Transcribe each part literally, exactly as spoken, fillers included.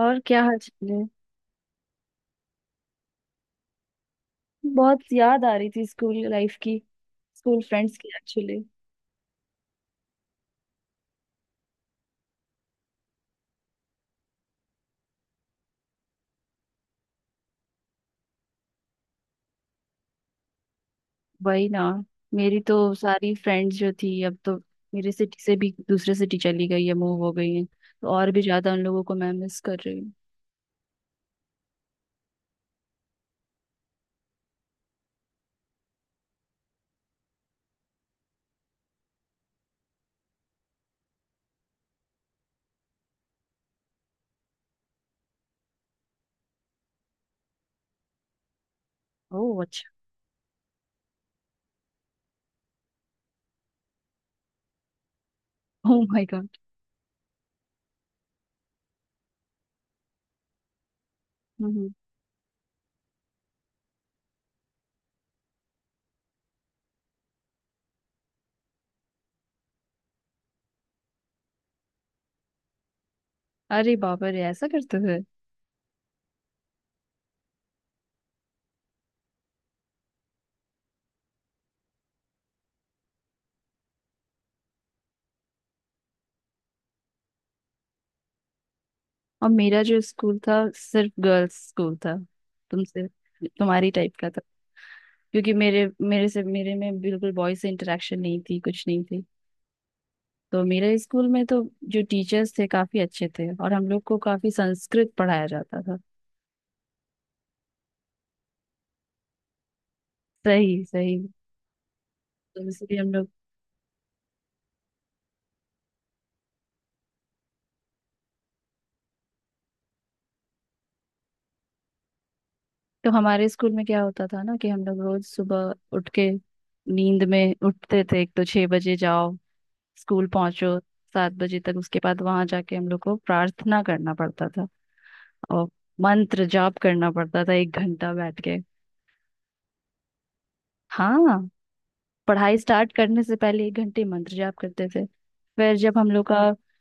और क्या हाल चाल है। बहुत याद आ रही थी स्कूल लाइफ की, स्कूल फ्रेंड्स की एक्चुअली। वही ना। मेरी तो सारी फ्रेंड्स जो थी अब तो मेरे सिटी से भी दूसरे सिटी चली गई है, मूव हो गई है, तो और भी ज्यादा उन लोगों को मैं मिस कर रही हूँ। ओह अच्छा। Oh my god. हम्म। अरे बाबा रे, ऐसा करते थे? और मेरा जो स्कूल था सिर्फ गर्ल्स स्कूल था, तुमसे तुम्हारी टाइप का था। क्योंकि मेरे मेरे से मेरे में बिल्कुल बॉयज से इंटरेक्शन नहीं थी, कुछ नहीं थी। तो मेरे स्कूल में तो जो टीचर्स थे काफी अच्छे थे, और हम लोग को काफी संस्कृत पढ़ाया जाता था। सही सही। तो इसलिए हम लोग, तो हमारे स्कूल में क्या होता था ना कि हम लोग रोज सुबह उठ के, नींद में उठते थे, एक तो छह बजे जाओ, स्कूल पहुंचो सात बजे तक। उसके बाद वहां जाके हम लोग को प्रार्थना करना पड़ता था और मंत्र जाप करना पड़ता था एक घंटा बैठ के। हाँ, पढ़ाई स्टार्ट करने से पहले एक घंटे मंत्र जाप करते थे। फिर जब हम लोग का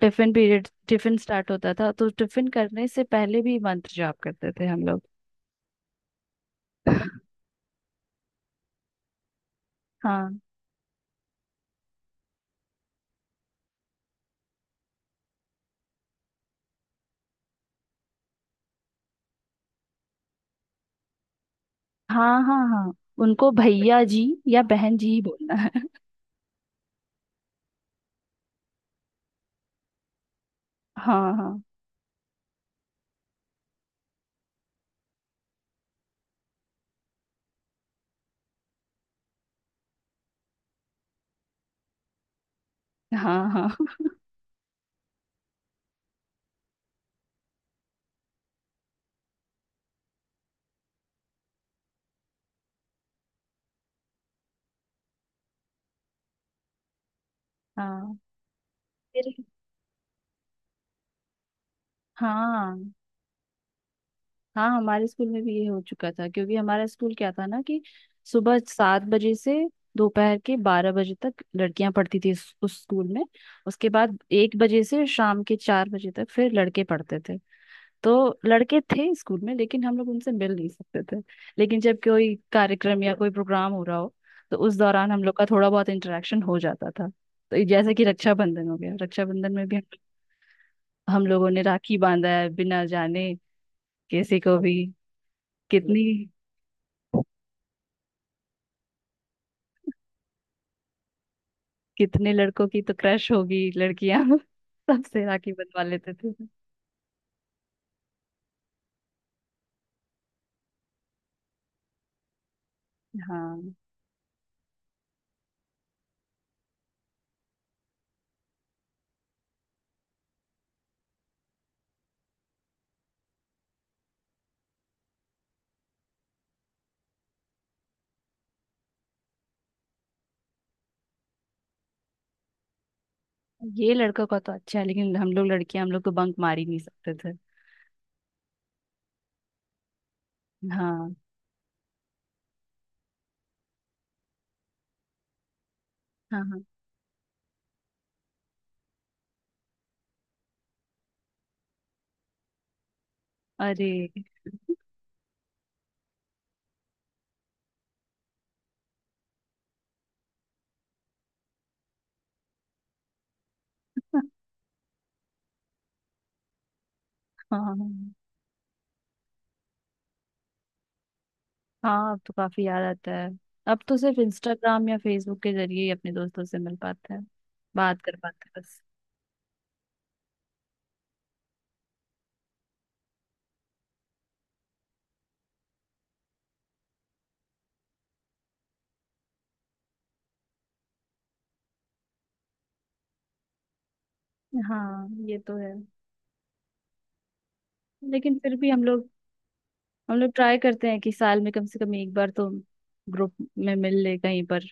टिफिन पीरियड, टिफिन स्टार्ट होता था तो टिफिन करने से पहले भी मंत्र जाप करते थे हम लोग। हाँ हाँ हाँ। हाँ उनको भैया जी या बहन जी ही बोलना है। हाँ हाँ हाँ। हाँ हाँ। फिर, हाँ हाँ, हमारे स्कूल में भी ये हो चुका था। क्योंकि हमारा स्कूल क्या था ना कि सुबह सात बजे से दोपहर के बारह बजे तक लड़कियां पढ़ती थी उस उस स्कूल में। उसके बाद एक बजे से शाम के चार बजे तक फिर लड़के पढ़ते थे। तो लड़के थे स्कूल में लेकिन हम लोग उनसे मिल नहीं सकते थे। लेकिन जब कोई कार्यक्रम या कोई प्रोग्राम हो रहा हो तो उस दौरान हम लोग का थोड़ा बहुत इंटरेक्शन हो जाता था। तो ये जैसे कि रक्षाबंधन हो गया, रक्षाबंधन में भी हम, हम लोगों ने राखी बांधा है बिना जाने किसी को भी। कितनी, कितने लड़कों की तो क्रश होगी लड़कियां सबसे राखी बंधवा लेते थे। हाँ, ये लड़कों का तो अच्छा है लेकिन हम लोग लड़कियां, हम लोग तो बंक मार ही नहीं सकते थे। हाँ हाँ हाँ। अरे! हाँ हाँ। अब तो काफी याद आता है। अब तो सिर्फ इंस्टाग्राम या फेसबुक के जरिए ही अपने दोस्तों से मिल पाता है, बात कर पाते हैं, बस। हाँ ये तो है। लेकिन फिर भी हम लोग, हम लोग ट्राई करते हैं कि साल में कम से कम एक बार तो ग्रुप में मिल ले कहीं पर।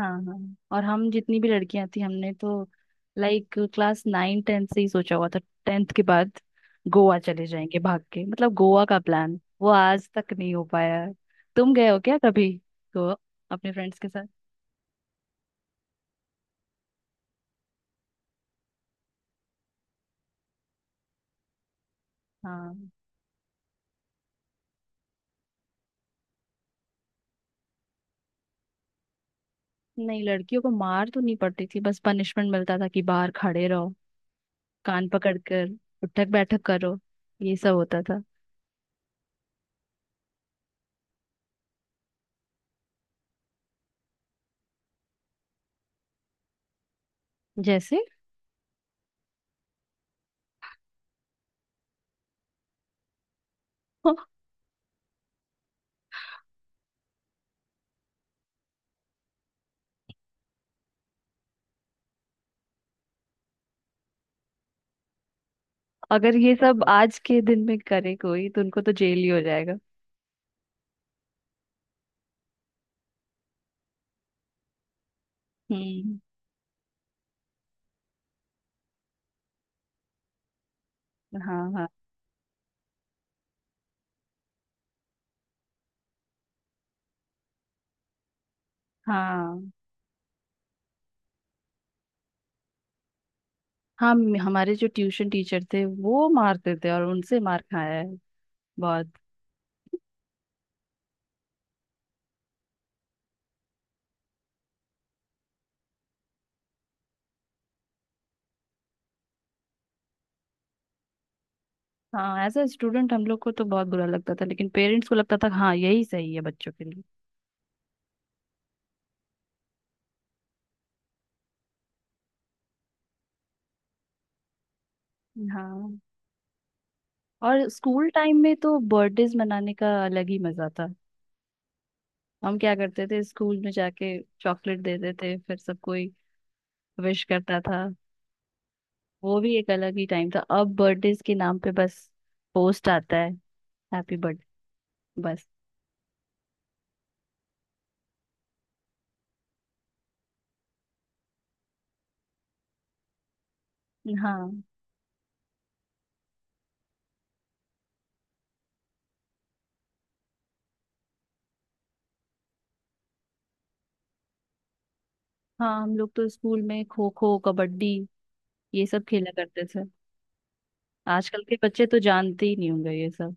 हाँ हाँ। और हम जितनी भी लड़कियां थी, हमने तो लाइक क्लास नाइन टेंथ से ही सोचा हुआ था टेंथ के बाद गोवा चले जाएंगे भाग के। मतलब गोवा का प्लान वो आज तक नहीं हो पाया है। तुम गए हो क्या कभी गोवा अपने फ्रेंड्स के साथ? हाँ। नहीं, लड़कियों को मार तो नहीं पड़ती थी, बस पनिशमेंट मिलता था कि बाहर खड़े रहो, कान पकड़ कर उठक बैठक करो, ये सब होता था। जैसे अगर ये सब आज के दिन में करे कोई तो उनको तो जेल ही हो जाएगा। हम्म। हाँ हाँ हाँ। हाँ म- हमारे जो ट्यूशन टीचर थे वो मारते थे और उनसे मार खाया है बहुत। हाँ एज ए स्टूडेंट हम लोग को तो बहुत बुरा लगता था लेकिन पेरेंट्स को लगता था हाँ यही सही है बच्चों के लिए। हाँ, और स्कूल टाइम में तो बर्थडेज मनाने का अलग ही मजा था। हम क्या करते थे स्कूल में जाके चॉकलेट देते थे फिर सब कोई विश करता था। वो भी एक अलग ही टाइम था। अब बर्थडेज के नाम पे बस पोस्ट आता है हैप्पी बर्थडे, बस। हाँ हाँ, हम लोग तो स्कूल में खो खो कबड्डी ये सब खेला करते थे। आजकल के बच्चे तो जानते ही नहीं होंगे ये सब।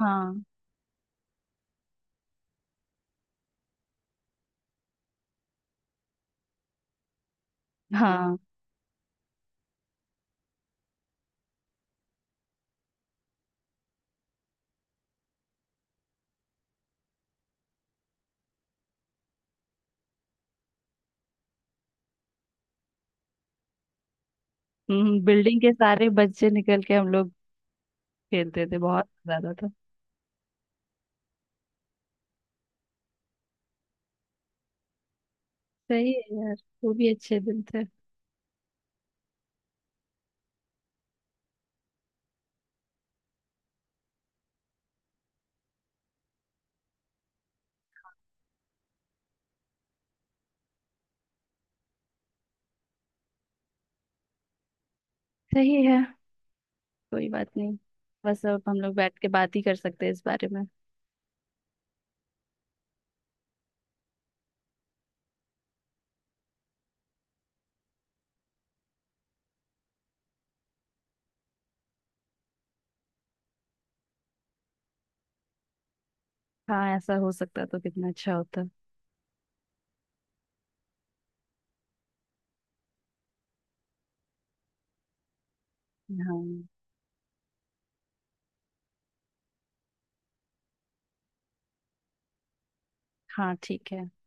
हाँ हाँ। हम्म बिल्डिंग के सारे बच्चे निकल के हम लोग खेलते थे, बहुत ज्यादा था। सही है यार, वो भी अच्छे दिन थे। सही है, कोई बात नहीं। बस अब हम लोग बैठ के बात ही कर सकते हैं इस बारे में। हाँ, ऐसा हो सकता तो कितना अच्छा होता। हाँ। हाँ ठीक है।